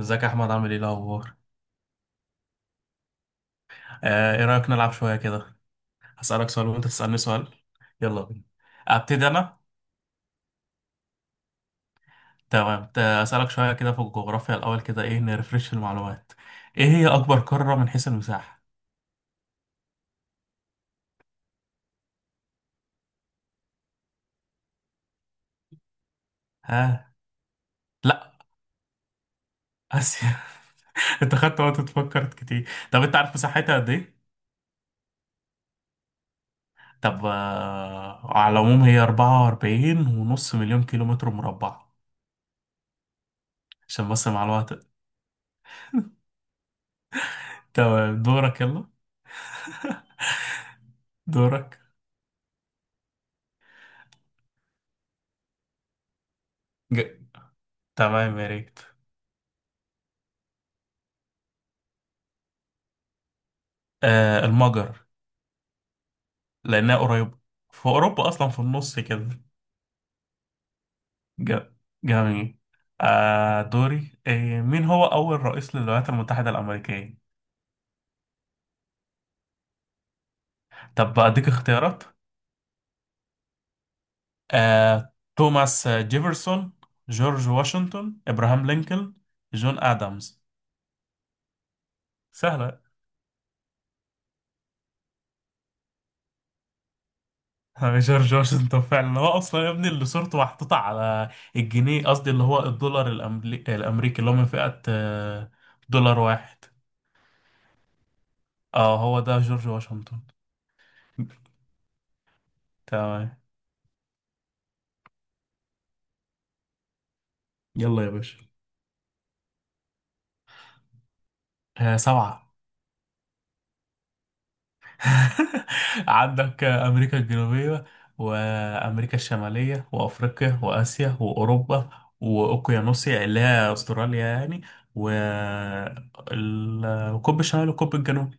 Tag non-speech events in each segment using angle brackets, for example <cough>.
ازيك يا احمد، عامل ايه الاخبار؟ ايه رايك نلعب شويه كده؟ هسالك سؤال وانت تسالني سؤال. يلا بينا. ابتدي انا. تمام، اسالك شويه كده في الجغرافيا الاول كده، ايه نرفرش المعلومات. ايه هي اكبر قاره من حيث المساحه؟ ها. لا. اسيا. <laughs> انت خدت وقت تفكر كتير. طب انت عارف مساحتها قد ايه؟ طب، على العموم هي 44 ونص مليون كيلومتر مربع. عشان بس المعلومات. تمام، دورك، يلا. دورك. ج- تمام، يا ريت. آه، المجر. لأنها قريبة. في أوروبا أصلا، في النص كده. ج- جميل. دوري. مين هو أول رئيس للولايات المتحدة الأمريكية؟ طب، أديك اختيارات. توماس جيفرسون، جورج واشنطن، إبراهام لينكولن، جون آدمز. سهلة. <laughs> جورج واشنطن فعلا، هو أصلا يا ابني اللي صورته محطوطة على الجنيه، قصدي اللي هو الدولار الأمريكي، اللي هو من فئة 1 دولار. اه، هو ده جورج واشنطن. تمام. يلا يا باشا. آه، سبعة. <laughs> عندك أمريكا الجنوبية، وأمريكا الشمالية وأفريقيا وآسيا وأوروبا، وأوقيانوسيا اللي هي أستراليا يعني، والقطب الشمالي والقطب الجنوبي.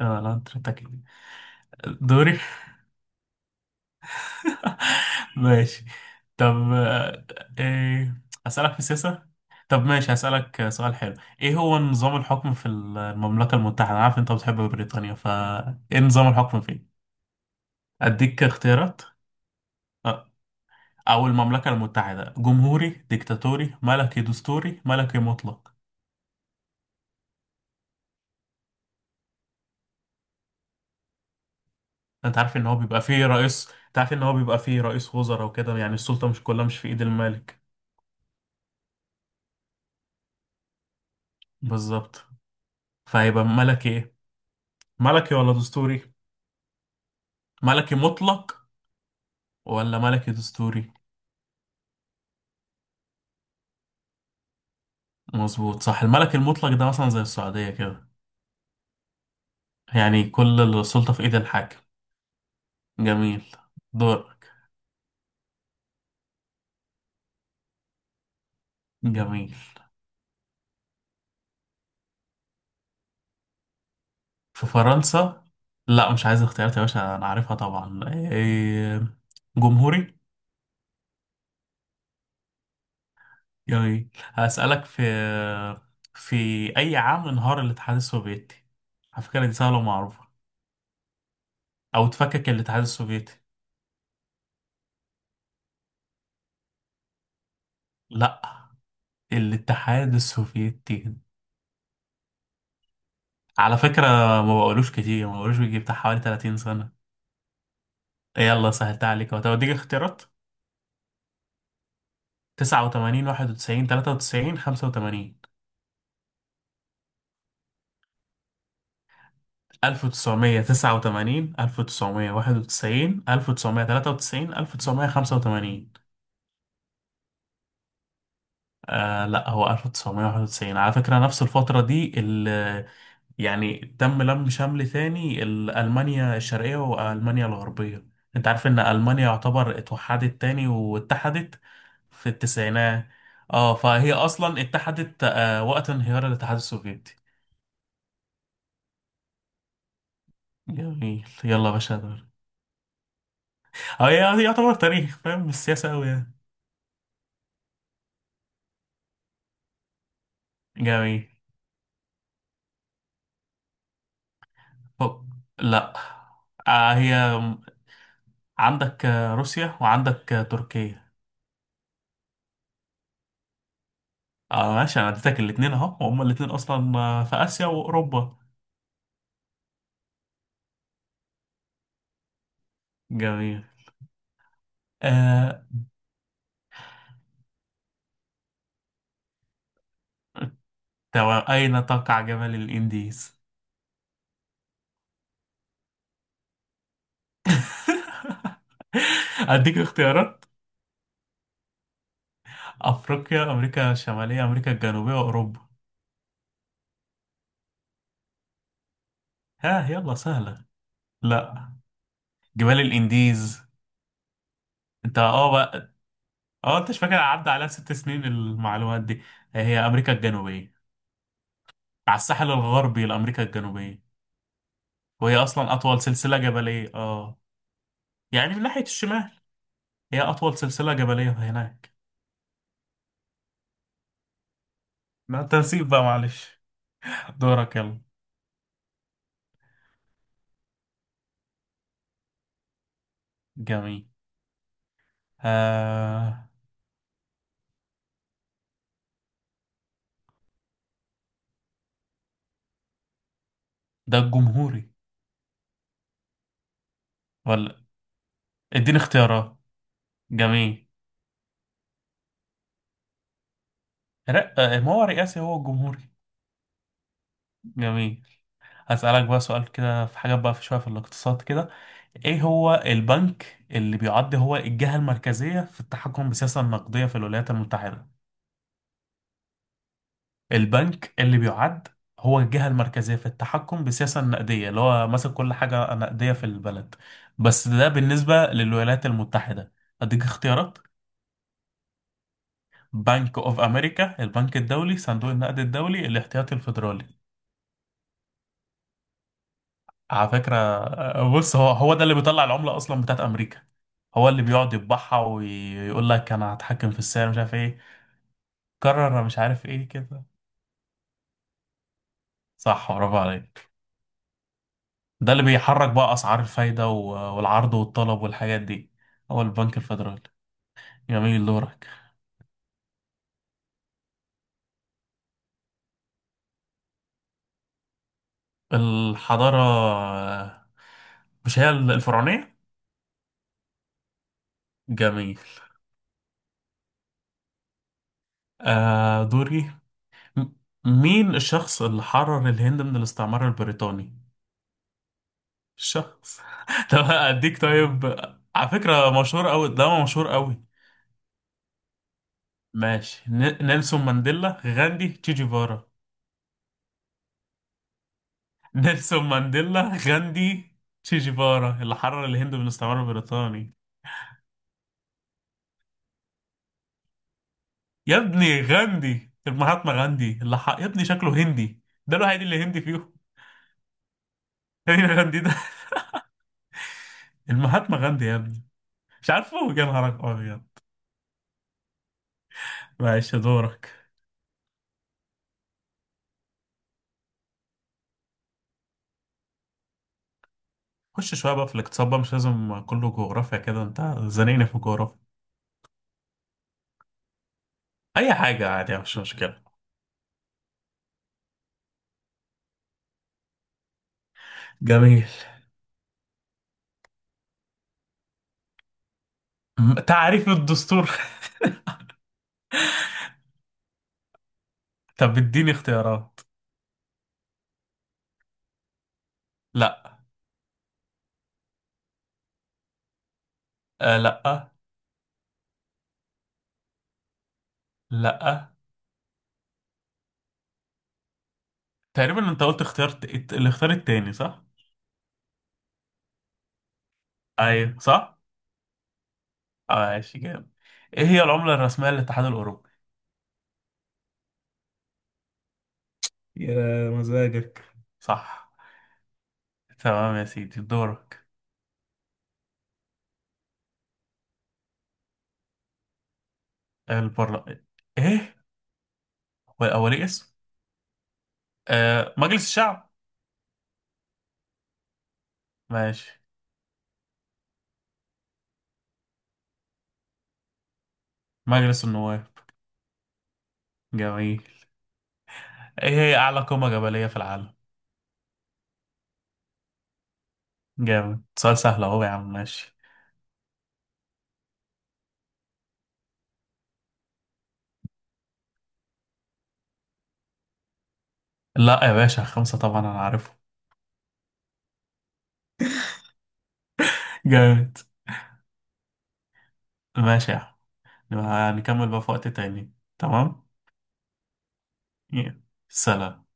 لا، أنت بتاكل. دوري. <laughs> ماشي. طب، إيه، أسألك في السياسة. طب، ماشي، هسألك سؤال حلو. إيه هو نظام الحكم في المملكة المتحدة؟ أنا عارف أنت بتحب بريطانيا، فإيه نظام الحكم فيه؟ أديك اختيارات. أه. أو المملكة المتحدة؟ جمهوري، ديكتاتوري، ملكي دستوري، ملكي مطلق. أنت عارف إن هو بيبقى فيه رئيس وزراء وكده، يعني السلطة مش كلها مش في إيد الملك. بالظبط. فهيبقى ملكي إيه؟ ملكي ولا دستوري؟ ملكي مطلق ولا ملكي دستوري؟ مظبوط، صح. الملك المطلق ده مثلا زي السعودية كده. يعني كل السلطة في إيد الحاكم. جميل. دورك. جميل. في فرنسا. لا، مش عايز اختيارات يا باشا، انا عارفها طبعا، جمهوري. يعني هسألك في اي عام انهار الاتحاد السوفيتي؟ على فكرة دي سهلة ومعروفة. او اتفكك الاتحاد السوفيتي. لا. الاتحاد السوفيتي، على فكرة، ما بقولوش بيجي بتاع حوالي 30 سنة. يلا سهلتها عليك اهو. طب اديك اختيارات. 89، 91، 93، 85. 1989، 1991، 1993، 1995. لا، هو 1991 على فكرة. نفس الفترة دي يعني تم لم شمل ثاني ألمانيا الشرقية وألمانيا الغربية. انت عارف ان ألمانيا يعتبر اتوحدت تاني واتحدت في التسعينات. اه، فهي اصلا اتحدت وقت انهيار الاتحاد السوفيتي. جميل، يلا يا باشا، دور. اه، هي يعتبر تاريخ فاهم السياسة أوي، يعني. جميل. أوك. لا. هي، عندك روسيا، وعندك تركيا. اه، ماشي، انا اديتك الاتنين اهو، وهم الاتنين اصلا في اسيا واوروبا. جميل. آه اين تقع جبل الانديز؟ <laughs> اديك اختيارات. افريقيا، امريكا الشماليه، امريكا الجنوبيه، واوروبا. ها، يلا سهله. لا. جبال الانديز. انت بقى. اه، انت مش فاكر؟ عدى عليها 6 سنين المعلومات دي. هي امريكا الجنوبيه، على الساحل الغربي لأمريكا الجنوبية. وهي أصلا أطول سلسلة جبلية، اه. يعني من ناحية الشمال، هي أطول سلسلة جبلية هناك. مع التنسيق بقى، معلش. دورك يلا. جميل. آه. ده الجمهوري. ولا. اديني اختيارات. جميل. لا، ما هو رئاسي هو الجمهوري. جميل. هسألك بقى سؤال كده، في حاجات بقى في شوية، في الاقتصاد كده. ايه هو البنك اللي بيعد هو الجهة المركزية في التحكم بالسياسة النقدية في الولايات المتحدة؟ البنك اللي بيعد هو الجهة المركزية في التحكم بالسياسة النقدية، اللي هو ماسك كل حاجة نقدية في البلد. بس ده بالنسبة للولايات المتحدة. أديك اختيارات. بنك أوف أمريكا، البنك الدولي، صندوق النقد الدولي، الاحتياطي الفيدرالي. على فكرة، بص، هو هو ده اللي بيطلع العملة أصلا بتاعت أمريكا. هو اللي بيقعد يطبعها ويقول لك أنا هتحكم في السعر، مش عارف إيه، قرر مش عارف إيه كده. صح، برافو عليك. ده اللي بيحرك بقى اسعار الفايده والعرض والطلب والحاجات دي. هو البنك الفيدرالي. جميل، دورك. الحضاره، مش هي الفرعونيه؟ جميل. دوري. م- مين الشخص اللي حرر الهند من الاستعمار البريطاني؟ الشخص. <laughs> طب اديك، طيب. على فكره مشهور قوي ده، مشهور قوي. ماشي، نيلسون مانديلا، غاندي، تشي جيفارا. نيلسون مانديلا، غاندي، تشي جيفارا اللي حرر الهند من الاستعمار البريطاني؟ يا ابني غاندي، المهاتما غاندي اللي يا ابني شكله هندي. ده الوحيد اللي هندي فيهم. <laughs> مين غاندي ده؟ <laughs> المهاتما غاندي يا ابني. مش عارفه؟ يا نهارك ابيض. معلش، دورك. خش شويه بقى في الاقتصاد بقى، مش لازم كله جغرافيا كده، انت زنقني في الجغرافيا. اي حاجه عادي، مش مشكله. جميل. تعريف الدستور. <laughs> طب، اديني اختيارات. لا. لا. لا. تقريبا انت قلت، اخترت الاختيار التاني، صح؟ ايوه، صح؟ ماشي، جامد. ايه هي العملة الرسمية للاتحاد الاوروبي؟ يا مزاجك. صح. تمام يا سيدي، دورك. البرلمان. ايه؟ هو الاولي اسم. مجلس الشعب. ماشي. مجلس النواب. جميل. ايه هي اعلى قمة جبلية في العالم؟ جامد، سؤال سهل اهو يا عم، ماشي. لا يا باشا، خمسة طبعا انا عارفه. جامد. ماشي يا عم. نبقى هنكمل بقى في وقت تاني. تمام. يلا. سلام.